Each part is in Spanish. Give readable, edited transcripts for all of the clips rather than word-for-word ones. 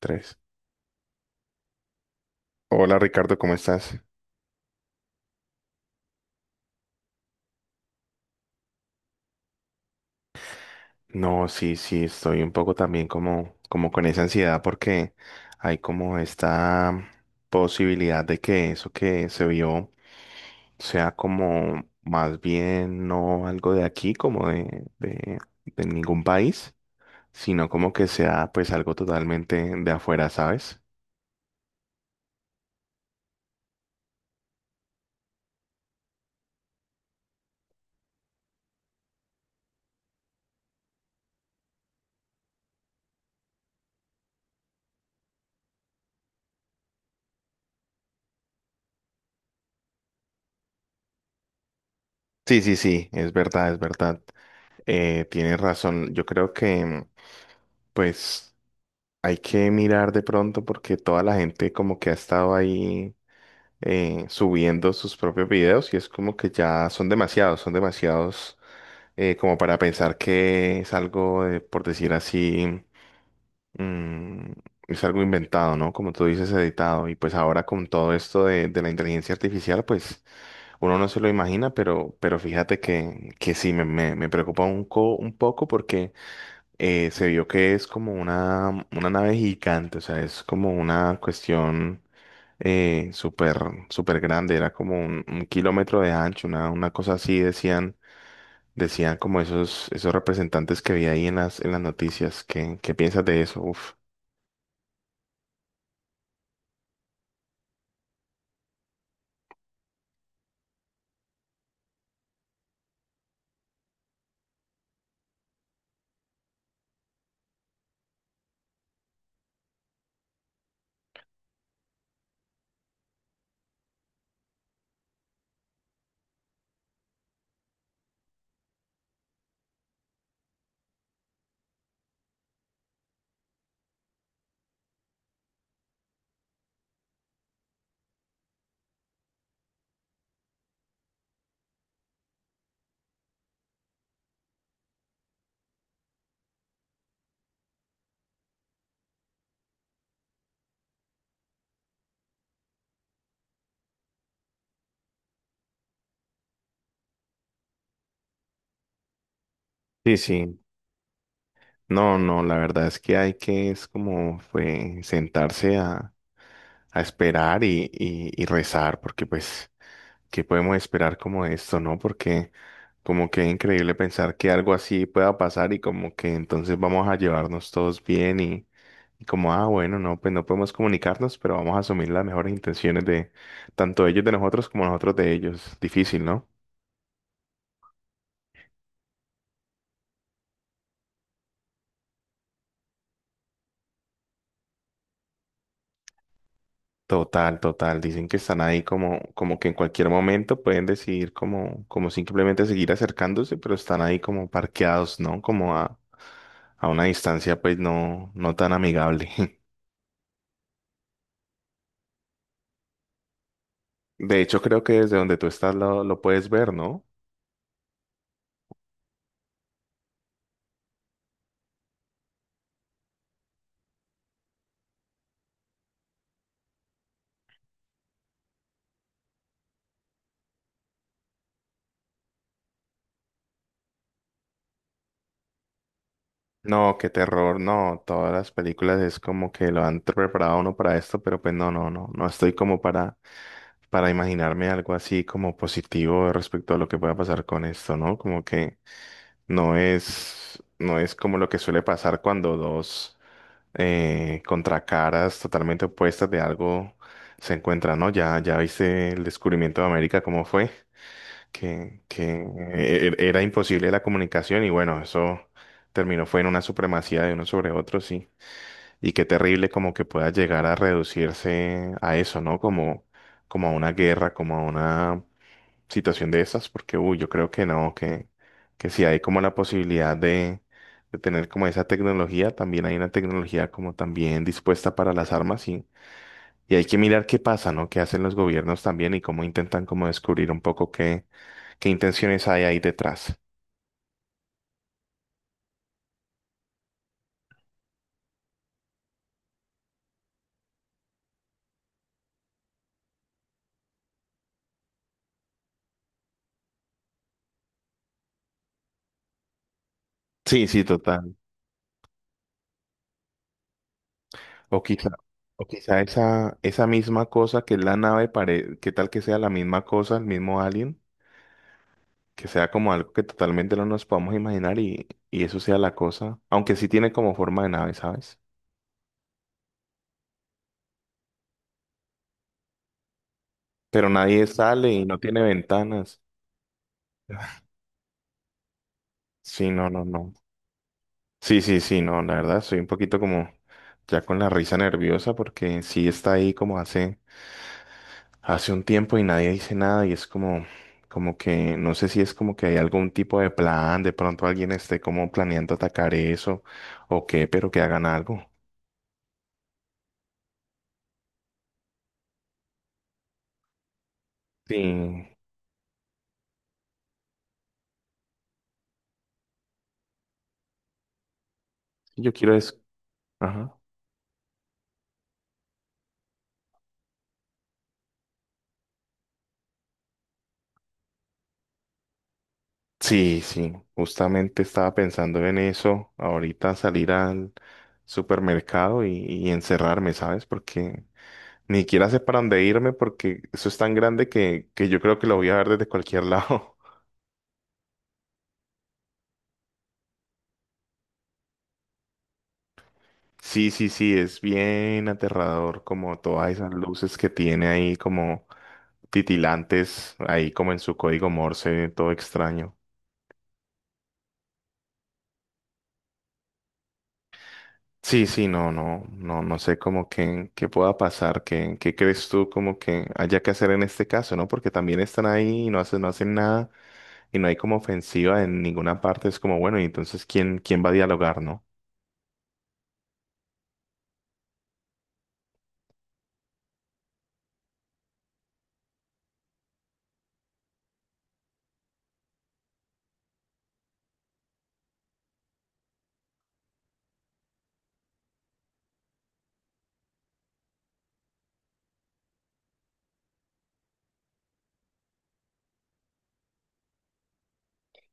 Tres. Hola, Ricardo, ¿cómo estás? No, sí, sí, estoy un poco también como con esa ansiedad porque hay como esta posibilidad de que eso que se vio sea como más bien no algo de aquí, como de ningún país, sino como que sea pues algo totalmente de afuera, ¿sabes? Sí, sí, sí, es verdad, es verdad. Tienes razón. Yo creo que pues, hay que mirar de pronto porque toda la gente como que ha estado ahí, subiendo sus propios videos y es como que ya son demasiados, son demasiados, como para pensar que es algo, por decir así, mm, es algo inventado, ¿no? Como tú dices, editado. Y pues ahora con todo esto de la inteligencia artificial, pues uno no se lo imagina, pero fíjate que sí, me preocupa un poco porque se vio que es como una nave gigante, o sea, es como una cuestión súper, súper grande, era como un kilómetro de ancho, una cosa así, decían, decían como esos representantes que vi ahí en las noticias. ¿Qué piensas de eso? Uf. Sí, sí. No, no, la verdad es que hay que, es como, fue sentarse a esperar y rezar, porque pues, ¿qué podemos esperar como de esto, no? Porque como que es increíble pensar que algo así pueda pasar y como que entonces vamos a llevarnos todos bien y como, ah, bueno, no, pues no podemos comunicarnos, pero vamos a asumir las mejores intenciones de tanto ellos de nosotros como nosotros de ellos. Difícil, ¿no? Total, total. Dicen que están ahí como que en cualquier momento pueden decidir como simplemente seguir acercándose, pero están ahí como parqueados, ¿no? Como a una distancia pues no, no tan amigable. De hecho, creo que desde donde tú estás lo puedes ver, ¿no? No, qué terror, no. Todas las películas es como que lo han preparado a uno para esto, pero pues no, no, no. No estoy como para imaginarme algo así como positivo respecto a lo que pueda pasar con esto, ¿no? Como que no es como lo que suele pasar cuando dos contracaras totalmente opuestas de algo se encuentran, ¿no? Ya, ya viste el descubrimiento de América, cómo fue, que era imposible la comunicación y bueno, eso terminó fue en una supremacía de uno sobre otro, sí. Y qué terrible como que pueda llegar a reducirse a eso, ¿no? Como a una guerra, como a una situación de esas, porque uy, yo creo que no, que si hay como la posibilidad de tener como esa tecnología, también hay una tecnología como también dispuesta para las armas y hay que mirar qué pasa, ¿no? Qué hacen los gobiernos también y cómo intentan como descubrir un poco qué intenciones hay ahí detrás. Sí, sí, total. O quizá, o quizá esa misma cosa que es la nave, pare, qué tal que sea la misma cosa, el mismo alien que sea como algo que totalmente no nos podamos imaginar y eso sea la cosa, aunque sí tiene como forma de nave, ¿sabes? Pero nadie sale y no tiene ventanas. Sí, no, no, no. Sí, sí, sí, no, la verdad, soy un poquito como ya con la risa nerviosa porque sí está ahí como hace un tiempo y nadie dice nada y es como que, no sé si es como que hay algún tipo de plan, de pronto alguien esté como planeando atacar eso o qué, pero que hagan algo. Sí, yo quiero es, ajá. Sí, sí, justamente estaba pensando en eso, ahorita salir al supermercado y encerrarme, ¿sabes? Porque ni siquiera sé para dónde irme porque eso es tan grande que yo creo que lo voy a ver desde cualquier lado. Sí, sí, sí, es bien aterrador como todas esas luces que tiene ahí como titilantes, ahí como en su código Morse, todo extraño. Sí, sí, no, no, no, no sé qué pueda pasar, qué crees tú como que haya que hacer en este caso, ¿no? Porque también están ahí y no hacen nada y no hay como ofensiva en ninguna parte. Es como, bueno, y entonces, ¿quién va a dialogar, no?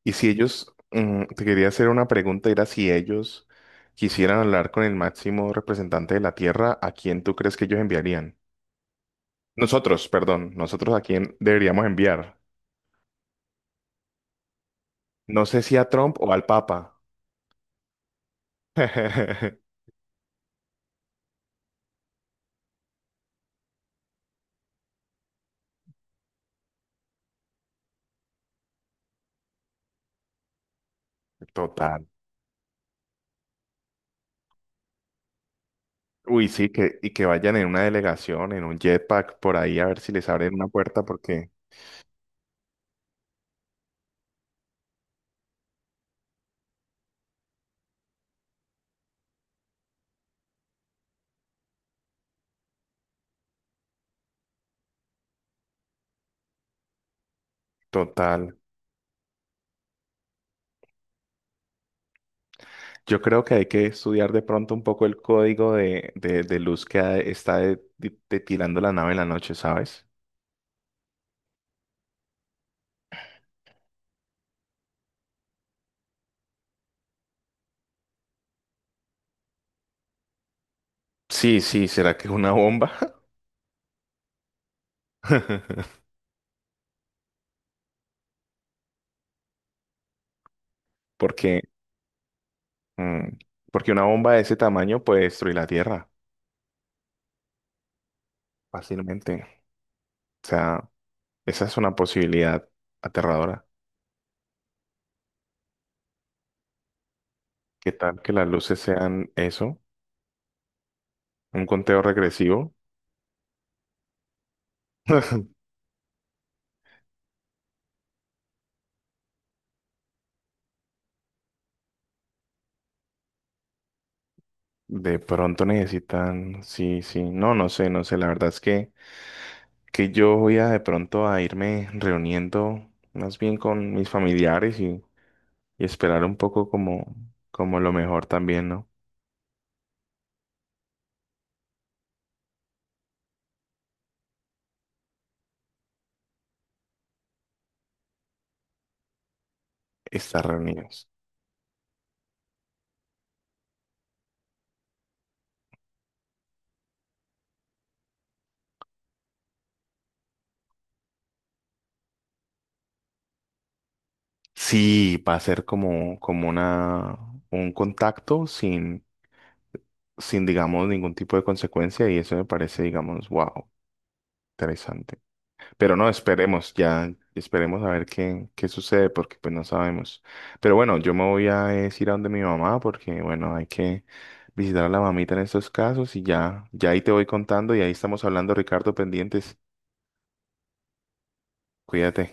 Y si ellos, te quería hacer una pregunta, era si ellos quisieran hablar con el máximo representante de la Tierra, ¿a quién tú crees que ellos enviarían? Nosotros, perdón, nosotros a quién deberíamos enviar. No sé si a Trump o al Papa. Total. Uy, sí, y que vayan en una delegación, en un jetpack, por ahí a ver si les abren una puerta, porque total. Yo creo que hay que estudiar de pronto un poco el código de luz que está detilando la nave en la noche, ¿sabes? Sí, sí, ¿será que es una bomba? Porque, mm, porque una bomba de ese tamaño puede destruir la Tierra fácilmente. O sea, esa es una posibilidad aterradora. ¿Qué tal que las luces sean eso? Un conteo regresivo. De pronto necesitan, sí, sí, no, no sé, no sé, la verdad es que yo voy a de pronto a irme reuniendo más bien con mis familiares y esperar un poco como lo mejor también, ¿no? Estar reunidos. Sí, va a ser como un contacto sin, digamos, ningún tipo de consecuencia y eso me parece, digamos, wow, interesante. Pero no, esperemos, ya esperemos a ver qué sucede, porque pues no sabemos. Pero bueno, yo me voy a ir a donde mi mamá, porque bueno, hay que visitar a la mamita en estos casos y ya, ya ahí te voy contando y ahí estamos hablando, Ricardo, pendientes. Cuídate.